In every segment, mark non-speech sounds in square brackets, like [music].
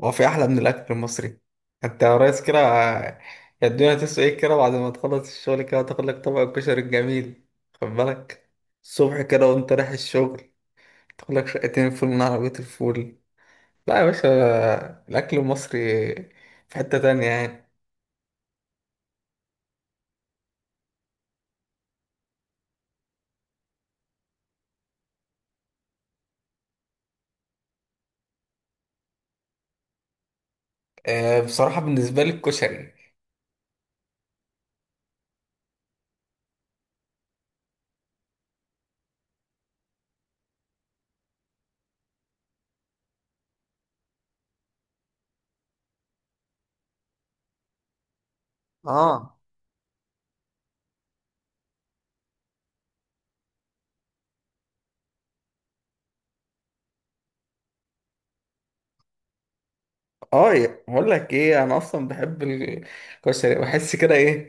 هو في احلى من الاكل المصري؟ انت يا ريس كده، يا الدنيا تسوى ايه كده، بعد ما تخلص الشغل كده تاخد لك طبق الكشري الجميل. خد بالك، الصبح كده وانت رايح الشغل تاخد لك شقتين فول من عربية الفول. لا يا باشا، الاكل المصري في حتة تانية يعني. آه، بصراحة بالنسبة لي الكشري. اه. اه، بقول لك ايه، انا اصلا بحب الكشري، بحس كده ايه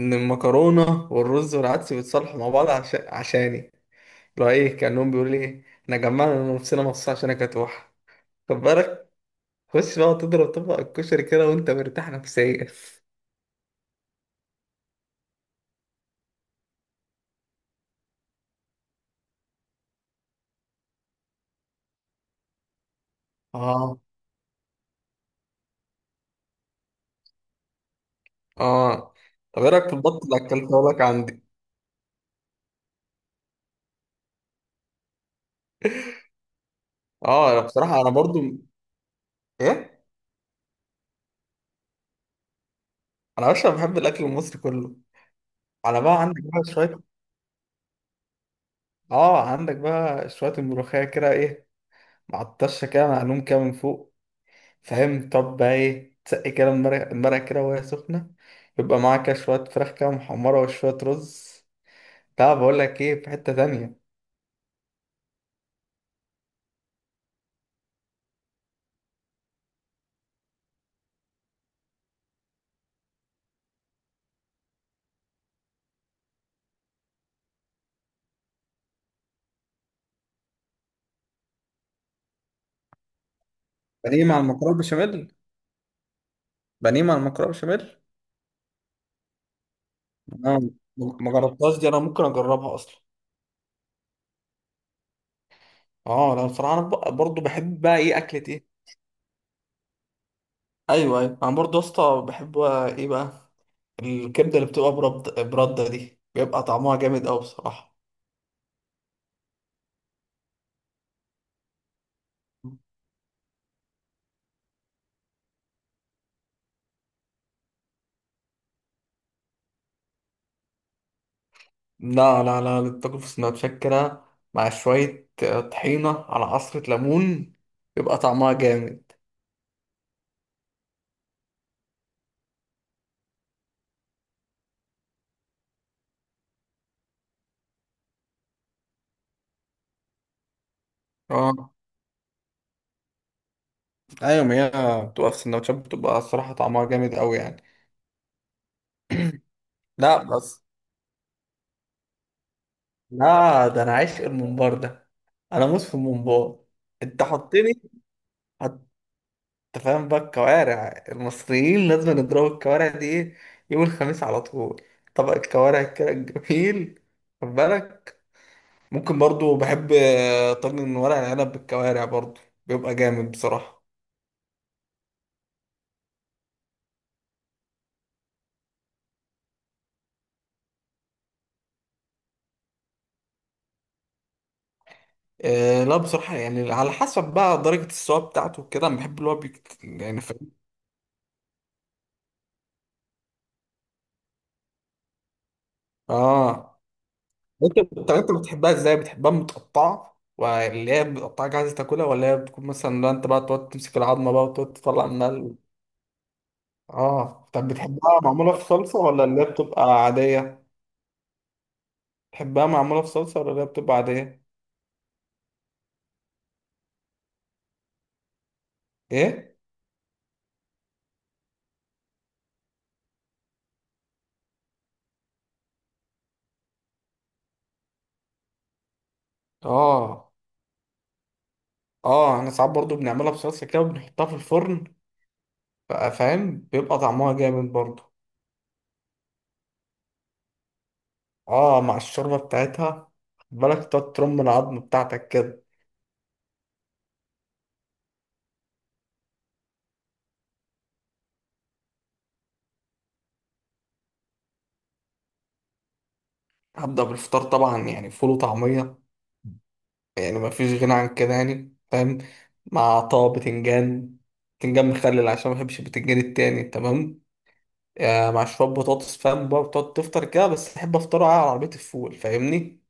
ان المكرونة والرز والعدس بيتصالحوا مع بعض عشان عشاني، لو ايه كأنهم بيقولوا لي ايه، احنا جمعنا نفسنا مصاص عشان اكتوح. خد بالك، خش بقى تضرب طبق الكشري كده وانت مرتاح نفسيا. اه. [laughs] اه. طب ايه رايك في البط اللي اكلته لك عندي؟ اه، انا بصراحه انا برضو، ايه، انا بشرب بحب الاكل المصري كله. على بقى عندك بقى شويه، اه عندك بقى شويه الملوخيه كده ايه، مع الطشه كده معلوم كده من فوق، فاهم؟ طب بقى ايه، تسقي كده المرق، المرق كده وهي سخنه، يبقى معاك كده شويه فراخ كده محمره وشويه رز. طب بقول لك ايه، في حتة تانية. بانيه مع المكرونه بشاميل. بانيه مع المكرونه بشاميل. انا، ما جربتهاش دي، انا ممكن اجربها اصلا. اه، انا بصراحة انا برضو بحب بقى ايه، اكلة ايه. ايوه ايوه، انا برضه يا اسطى بحب بقى ايه بقى، الكبده اللي بتبقى، برده دي بيبقى طعمها جامد قوي بصراحه. لا لا لا، تاكل في سندوتشات كده مع شوية طحينة على عصرة ليمون، يبقى طعمها جامد. اه ايوه، ما هي بتبقى في السندوتشات بتبقى الصراحه طعمها جامد قوي يعني. لا بس. لا ده انا عايش الممبار ده، انا موس في الممبار. انت حطني. هت- انت فاهم بقى، الكوارع المصريين لازم نضرب الكوارع دي ايه، يوم الخميس على طول، طبق الكوارع كده الجميل. خد بالك. ممكن برضو بحب طاجن ورق العنب بالكوارع برضو، بيبقى جامد بصراحة. آه لا، بصراحة يعني على حسب بقى درجة السوا بتاعته كده، انا بحب اللي هو بيك يعني، فاهم؟ اه. انت الطريقة اللي بتحبها ازاي؟ بتحبها متقطعة، واللي هي متقطعة جاهزة تاكلها، ولا هي بتكون مثلا، لا انت بقى تقعد تمسك العظمة بقى وتقعد تطلع منها اه، طب بتحبها معمولة في صلصة، ولا اللي هي بتبقى عادية؟ بتحبها معمولة في صلصة، ولا اللي هي بتبقى عادية؟ ايه. اه اه، احنا ساعات برضو بنعملها بصلصة كده وبنحطها في الفرن بقى، فاهم؟ بيبقى طعمها جامد برضو. اه، مع الشوربة بتاعتها، خد بالك تقعد ترم العظم بتاعتك كده. هبدأ بالفطار طبعا، يعني فول وطعمية. يعني ما فيش غنى عن كده، يعني فاهم؟ مع طه بتنجان، بتنجان مخلل، عشان ما بحبش البتنجان التاني، تمام؟ مع شوية بطاطس، فاهم بقى، بتقعد تفطر كده، بس أحب أفطره على عربية الفول فاهمني.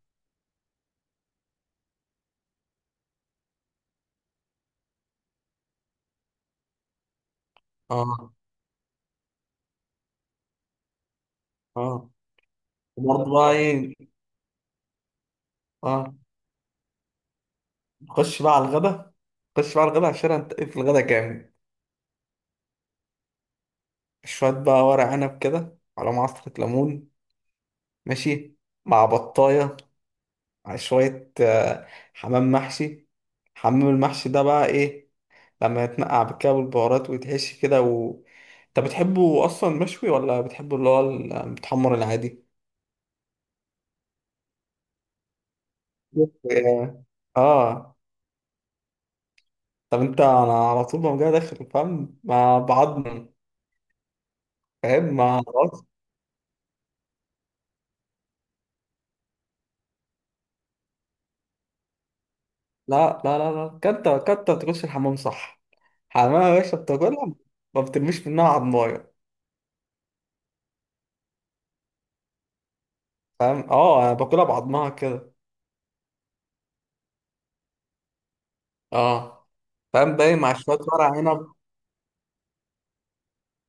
اه اه. وبرضه بقى إيه. اه. نخش بقى على الغدا. نخش بقى على الغدا، عشان هنتقل في الغدا جامد. شوية بقى ورق عنب كده على معصرة ليمون، ماشي، مع بطاية، على شوية حمام محشي. حمام المحشي ده بقى إيه، لما يتنقع بالكده والبهارات ويتحشي كده و، انت بتحبه اصلا مشوي، ولا بتحبه اللي هو المتحمر العادي؟ [laughs] بص، اه. آه. طب انت، انا على طول ما جاي داخل فاهم ما بعضم، فاهم، ما خلاص. لا لا لا لا، كنت تخش الحمام صح، حمام يا باشا بتاكلها، ما بترميش منها عضمايه، فاهم؟ اه انا باكلها بعضمها كده. اه. فاهم باين، مع شويه ورق عنب.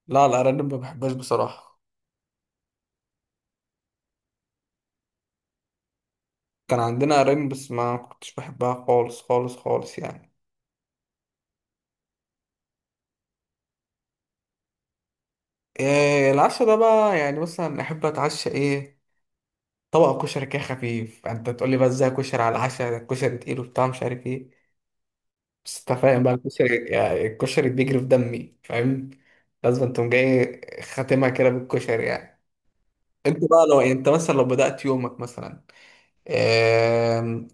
لا الارانب ما بحبهاش بصراحه، كان عندنا قرايب بس ما كنتش بحبها خالص خالص خالص يعني. إيه العشاء ده بقى، يعني مثلا احب اتعشى ايه؟ طبق كشري كده خفيف. يعني انت تقول لي بقى ازاي كشري على العشاء، ده الكشري تقيل وبتاع، مش عارف ايه. بس انت فاهم بقى الكشري، يعني الكشري بيجري في دمي، فاهم؟ لازم تقوم جاي خاتمها كده بالكشري يعني. انت بقى لو يعني، انت مثلا لو بدأت يومك مثلا، إيه،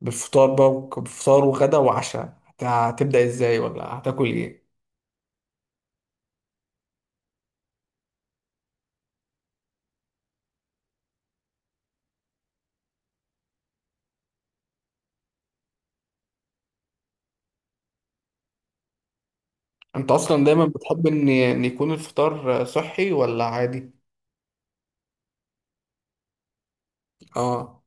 بالفطار بقى بفطار وغدا وعشاء، هتبدأ ازاي، ولا هتاكل ايه؟ انت اصلا دايما بتحب ان يكون الفطار صحي ولا عادي؟ اه.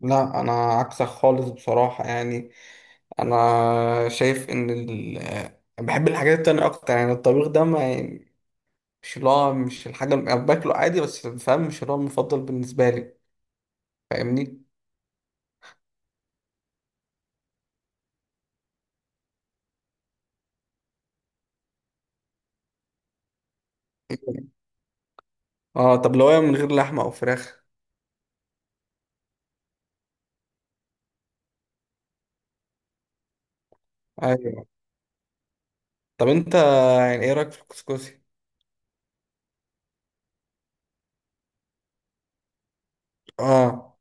لا انا عكسك خالص بصراحة يعني. انا شايف ان ال، بحب الحاجات التانية اكتر، يعني الطبيخ ده ما يعني، مش اللي هو، مش الحاجة اللي أنا باكله عادي بس، فاهم؟ مش اللي هو المفضل بالنسبة لي، فاهمني. اه، طب لو هي من غير لحمة او فراخ؟ ايوه. طب انت يعني ايه رأيك في الكسكسي؟ اه.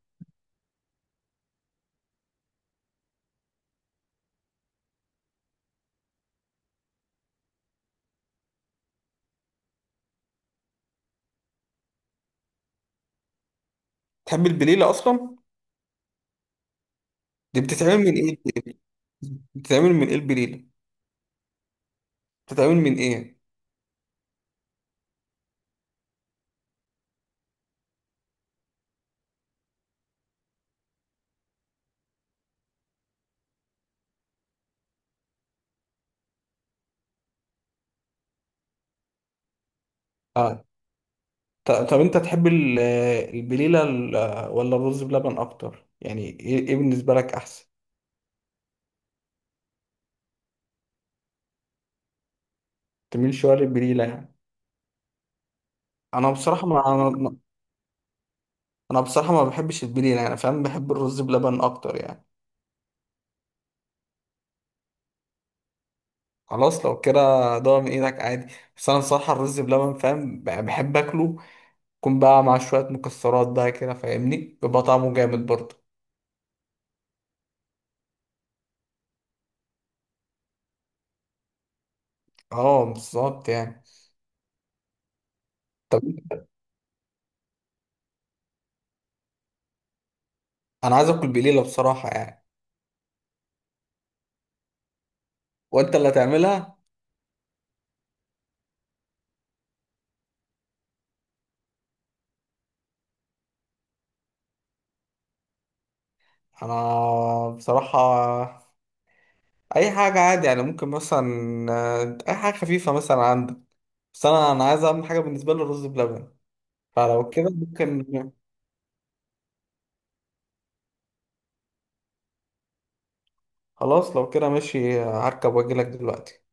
تحب البليلة اصلا؟ دي بتتعمل من ايه؟ بتتعمل من ايه البليلة؟ بتتعمل من ايه يعني؟ اه. طب انت تحب البليله ولا الرز بلبن اكتر يعني؟ إيه بالنسبه لك احسن؟ تميل شويه للبليله يعني. انا بصراحه ما انا أنا بصراحه ما بحبش البليله يعني، فاهم؟ بحب الرز بلبن اكتر يعني. خلاص لو كده، ضاع من ايدك عادي. بس انا بصراحه الرز بلبن فاهم، بحب اكله يكون بقى مع شويه مكسرات بقى كده، فاهمني؟ بيبقى طعمه جامد برضه. اه بالظبط يعني. طب انا عايز اكل بليله بصراحه يعني. وانت اللي هتعملها. انا بصراحه اي حاجه عادي يعني، ممكن مثلا اي حاجه خفيفه مثلا عندك. بس انا عايز، اهم حاجه بالنسبه لي الرز بلبن. فلو كده ممكن. خلاص لو كده ماشي، هركب واجي لك دلوقتي.